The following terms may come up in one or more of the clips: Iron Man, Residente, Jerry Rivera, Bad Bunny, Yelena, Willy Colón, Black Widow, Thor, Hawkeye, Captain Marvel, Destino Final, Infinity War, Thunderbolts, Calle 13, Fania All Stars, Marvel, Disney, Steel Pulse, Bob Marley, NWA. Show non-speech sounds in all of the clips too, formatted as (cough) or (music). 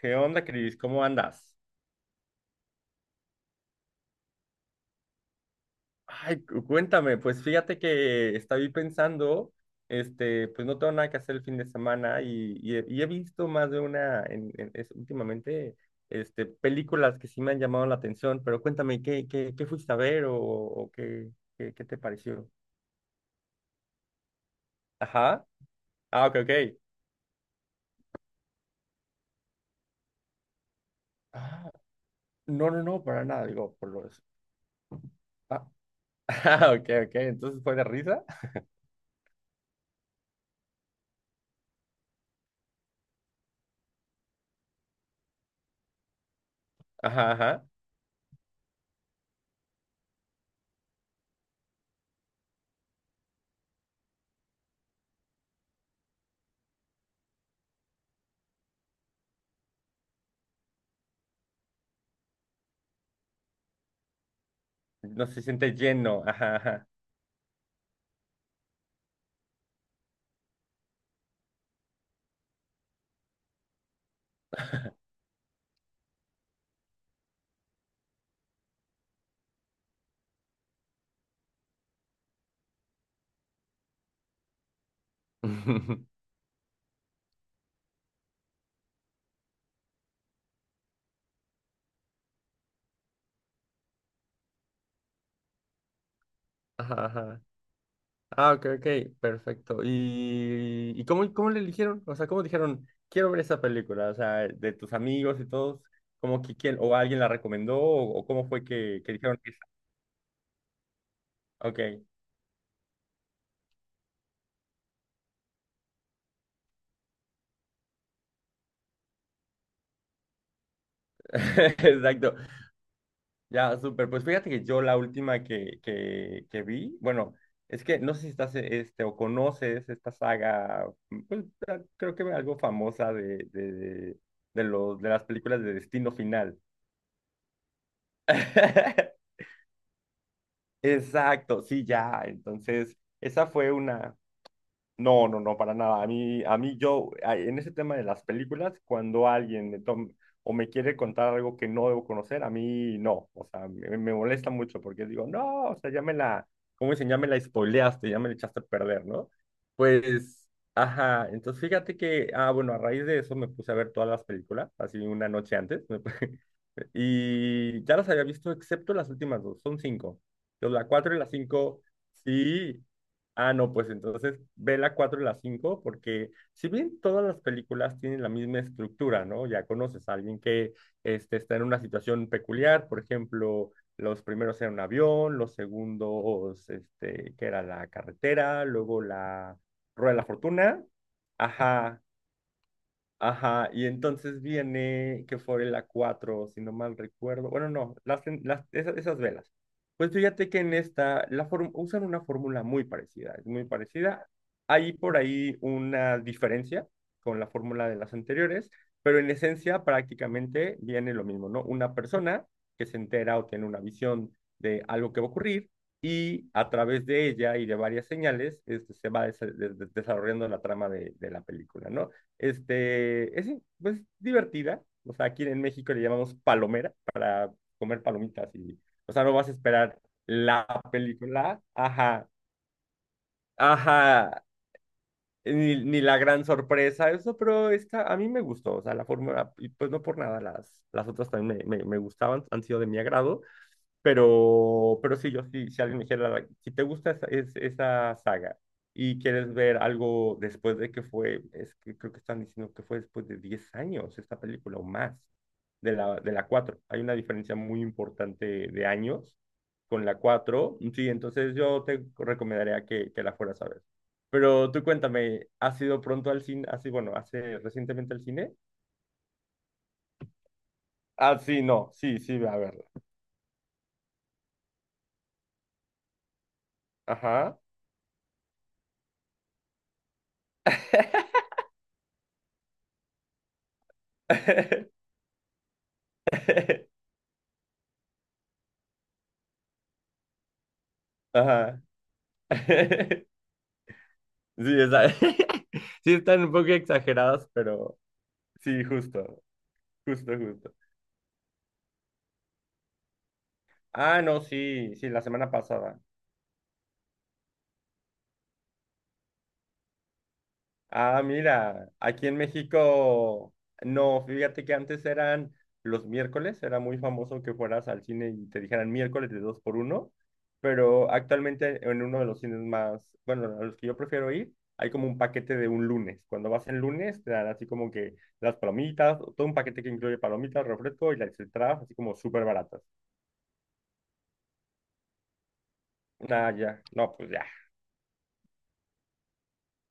¿Qué onda, Cris? ¿Cómo andas? Ay, cuéntame, pues fíjate que estaba ahí pensando, pues no tengo nada que hacer el fin de semana y he visto más de una últimamente, películas que sí me han llamado la atención, pero cuéntame, ¿qué fuiste a ver o qué, qué te pareció? Ajá. Ah, ok, ok. Ah, no, no, no, para nada, digo, por los... Ah, (laughs) ah, ok, ok, entonces fue de risa. Ajá, ajá. No se siente lleno, ajá, ajá. (laughs) Ajá, ajá. Ah, ok, ok, perfecto. ¿Y, cómo le eligieron? O sea, ¿cómo dijeron, quiero ver esa película? O sea, de tus amigos y todos, ¿cómo que quién, o alguien la recomendó, o cómo fue que dijeron que esa? Ok, (laughs) exacto. Ya, súper. Pues fíjate que yo la última que vi, bueno, es que no sé si estás, o conoces esta saga, pues ah, creo que algo famosa los, de las películas de Destino Final. (laughs) Exacto, sí, ya. Entonces, esa fue una... No, no, no, para nada. A mí yo, a- En ese tema de las películas, cuando alguien me toma o me quiere contar algo que no debo conocer, a mí no. O sea, me molesta mucho porque digo, no, o sea, ya me la, ¿cómo dicen? Ya me la spoileaste, ya me la echaste a perder, ¿no? Pues, ajá. Entonces, fíjate que, ah, bueno, a raíz de eso me puse a ver todas las películas, así una noche antes. (laughs) Y ya las había visto, excepto las últimas dos, son cinco. Entonces, la cuatro y la cinco, sí. Ah, no, pues entonces ve la cuatro y la cinco, porque si bien todas las películas tienen la misma estructura, ¿no? Ya conoces a alguien que está en una situación peculiar, por ejemplo, los primeros eran un avión, los segundos, que era la carretera, luego la rueda de la fortuna. Ajá, ajá, y entonces viene que fue la 4 si no mal recuerdo. Bueno, no, esas, esas velas. Pues fíjate que en esta usan una fórmula muy parecida, es muy parecida. Hay por ahí una diferencia con la fórmula de las anteriores, pero en esencia prácticamente viene lo mismo, ¿no? Una persona que se entera o tiene una visión de algo que va a ocurrir y a través de ella y de varias señales se va desarrollando la trama de la película, ¿no? Es pues, divertida. O sea, aquí en México le llamamos palomera, para comer palomitas. Y, o sea, no vas a esperar la película. Ajá, ajá. Ni, ni la gran sorpresa, eso, pero esta a mí me gustó, o sea, la fórmula, y pues no por nada, las otras también me gustaban, han sido de mi agrado, pero sí, yo sí, si alguien me dijera, like, si te gusta esa, esa saga y quieres ver algo después de que fue, es que creo que están diciendo que fue después de 10 años esta película o más de la cuatro. Hay una diferencia muy importante de años con la cuatro. Sí, entonces yo te recomendaría que la fueras a ver. Pero tú cuéntame, ¿has ido pronto al cine? Así, bueno, ¿hace recientemente al cine? Ah, sí, no, sí, sí, ve a verla. Ajá. (laughs) Ajá. (laughs) Sí, esa- (laughs) sí están un poco exageradas, pero sí, justo, justo, justo. Ah, no, sí, sí, la semana pasada. Ah, mira, aquí en México, no, fíjate que antes eran los miércoles, era muy famoso que fueras al cine y te dijeran miércoles de dos por uno, pero actualmente en uno de los cines más, bueno, a los que yo prefiero ir, hay como un paquete de un lunes. Cuando vas en lunes, te dan así como que las palomitas, todo un paquete que incluye palomitas, refresco y las entradas, así como súper baratas. Ah, ya, no, pues ya.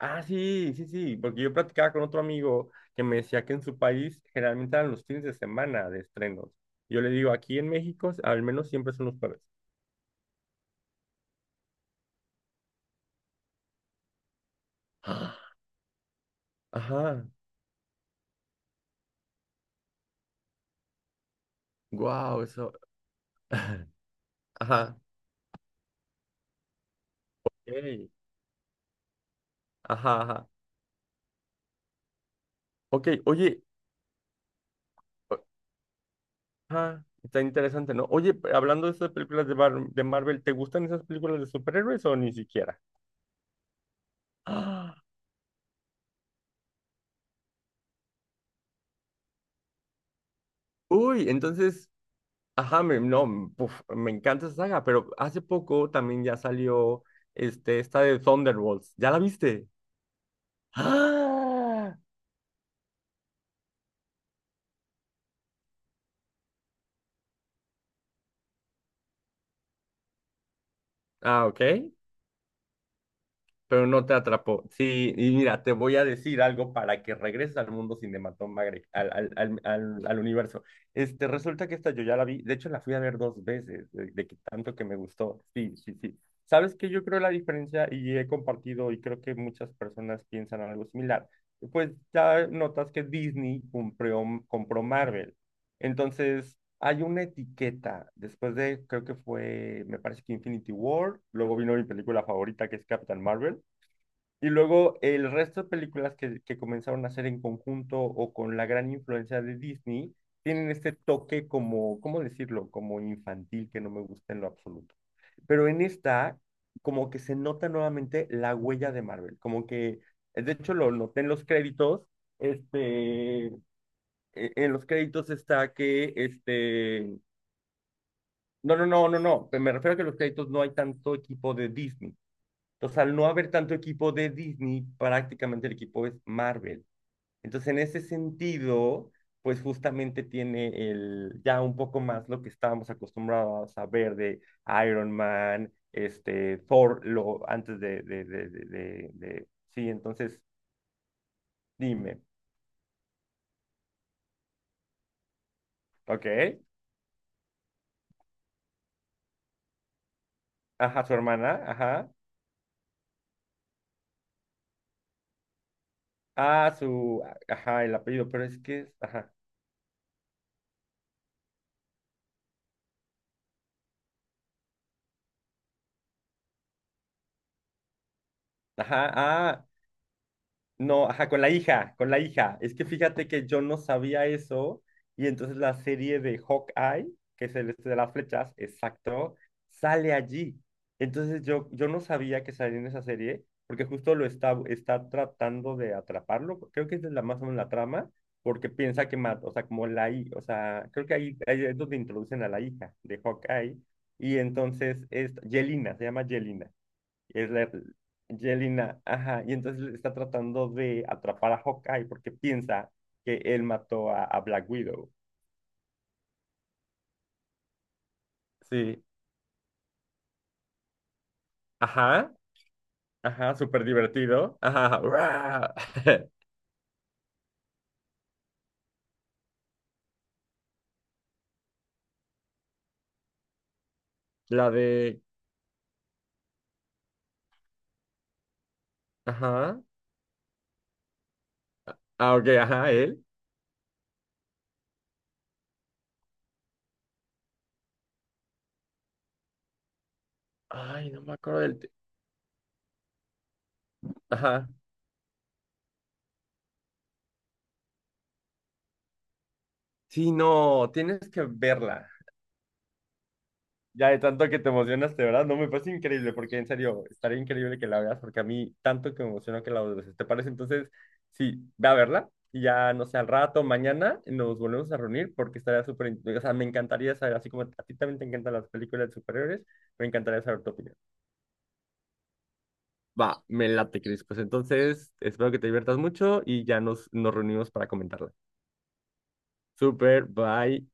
Ah, sí, sí, sí, porque yo platicaba con otro amigo que me decía que en su país generalmente eran los fines de semana de estrenos. Yo le digo, aquí en México al menos siempre son los jueves. Ah, ajá, wow, eso. (laughs) Ajá, Ey, ajá, ajá. Ok, oye, o- ajá, está interesante, ¿no? Oye, hablando de esas películas de, de Marvel, ¿te gustan esas películas de superhéroes o ni siquiera? Ah, uy, entonces. Ajá, me, no, m- puf, me encanta esa saga, pero hace poco también ya salió esta de Thunderbolts. ¿Ya la viste? ¡Ah! Ah, ok. Pero no te atrapó. Sí, y mira, te voy a decir algo para que regreses al mundo cinematográfico, al universo. Este, resulta que esta yo ya la vi, de hecho la fui a ver dos veces, de que tanto que me gustó. Sí, sí, sí. ¿Sabes qué? Yo creo la diferencia y he compartido y creo que muchas personas piensan algo similar. Pues ya notas que Disney cumplió, compró Marvel. Entonces, hay una etiqueta, después de, creo que fue, me parece que Infinity War, luego vino mi película favorita que es Captain Marvel, y luego el resto de películas que comenzaron a hacer en conjunto o con la gran influencia de Disney tienen este toque como, ¿cómo decirlo? Como infantil que no me gusta en lo absoluto. Pero en esta, como que se nota nuevamente la huella de Marvel, como que, de hecho lo noté en los créditos, este, en los créditos está que, este, no, no, no, no, no, me refiero a que en los créditos no hay tanto equipo de Disney, entonces, al no haber tanto equipo de Disney, prácticamente el equipo es Marvel. Entonces, en ese sentido, pues justamente tiene el, ya un poco más lo que estábamos acostumbrados a ver de Iron Man, este, Thor, lo, antes sí, entonces, dime, ¿ok? Ajá, su hermana, ajá, ah, su, ajá, el apellido, pero es que, ajá, ajá, ah, no, ajá, con la hija, con la hija. Es que fíjate que yo no sabía eso y entonces la serie de Hawkeye, que es el este de las flechas, exacto, sale allí. Entonces yo no sabía que salía en esa serie porque justo está tratando de atraparlo. Creo que esa es la más o menos la trama porque piensa que mata, o sea, como la hija, o sea, creo que ahí, ahí es donde introducen a la hija de Hawkeye y entonces es Yelena, se llama Yelena. Es la Yelena, ajá, y entonces le está tratando de atrapar a Hawkeye porque piensa que él mató a Black Widow. Sí, ajá, ajá, súper divertido. Ajá, ¡guau! (laughs) La de, ajá, ah, ok, ajá, él. Ay, no me acuerdo del... te- Ajá. Sí, no, tienes que verla. Ya de tanto que te emocionaste, ¿verdad? No, me parece increíble, porque en serio, estaría increíble que la veas, porque a mí tanto que me emocionó que la veas. ¿Te parece? Entonces, sí, ve a verla y ya, no sé, al rato, mañana nos volvemos a reunir porque estaría súper, in- o sea, me encantaría saber, así como a ti también te encantan las películas de superhéroes, me encantaría saber tu opinión. Va, me late, Cris. Pues entonces, espero que te diviertas mucho y ya nos reunimos para comentarla. Súper, bye.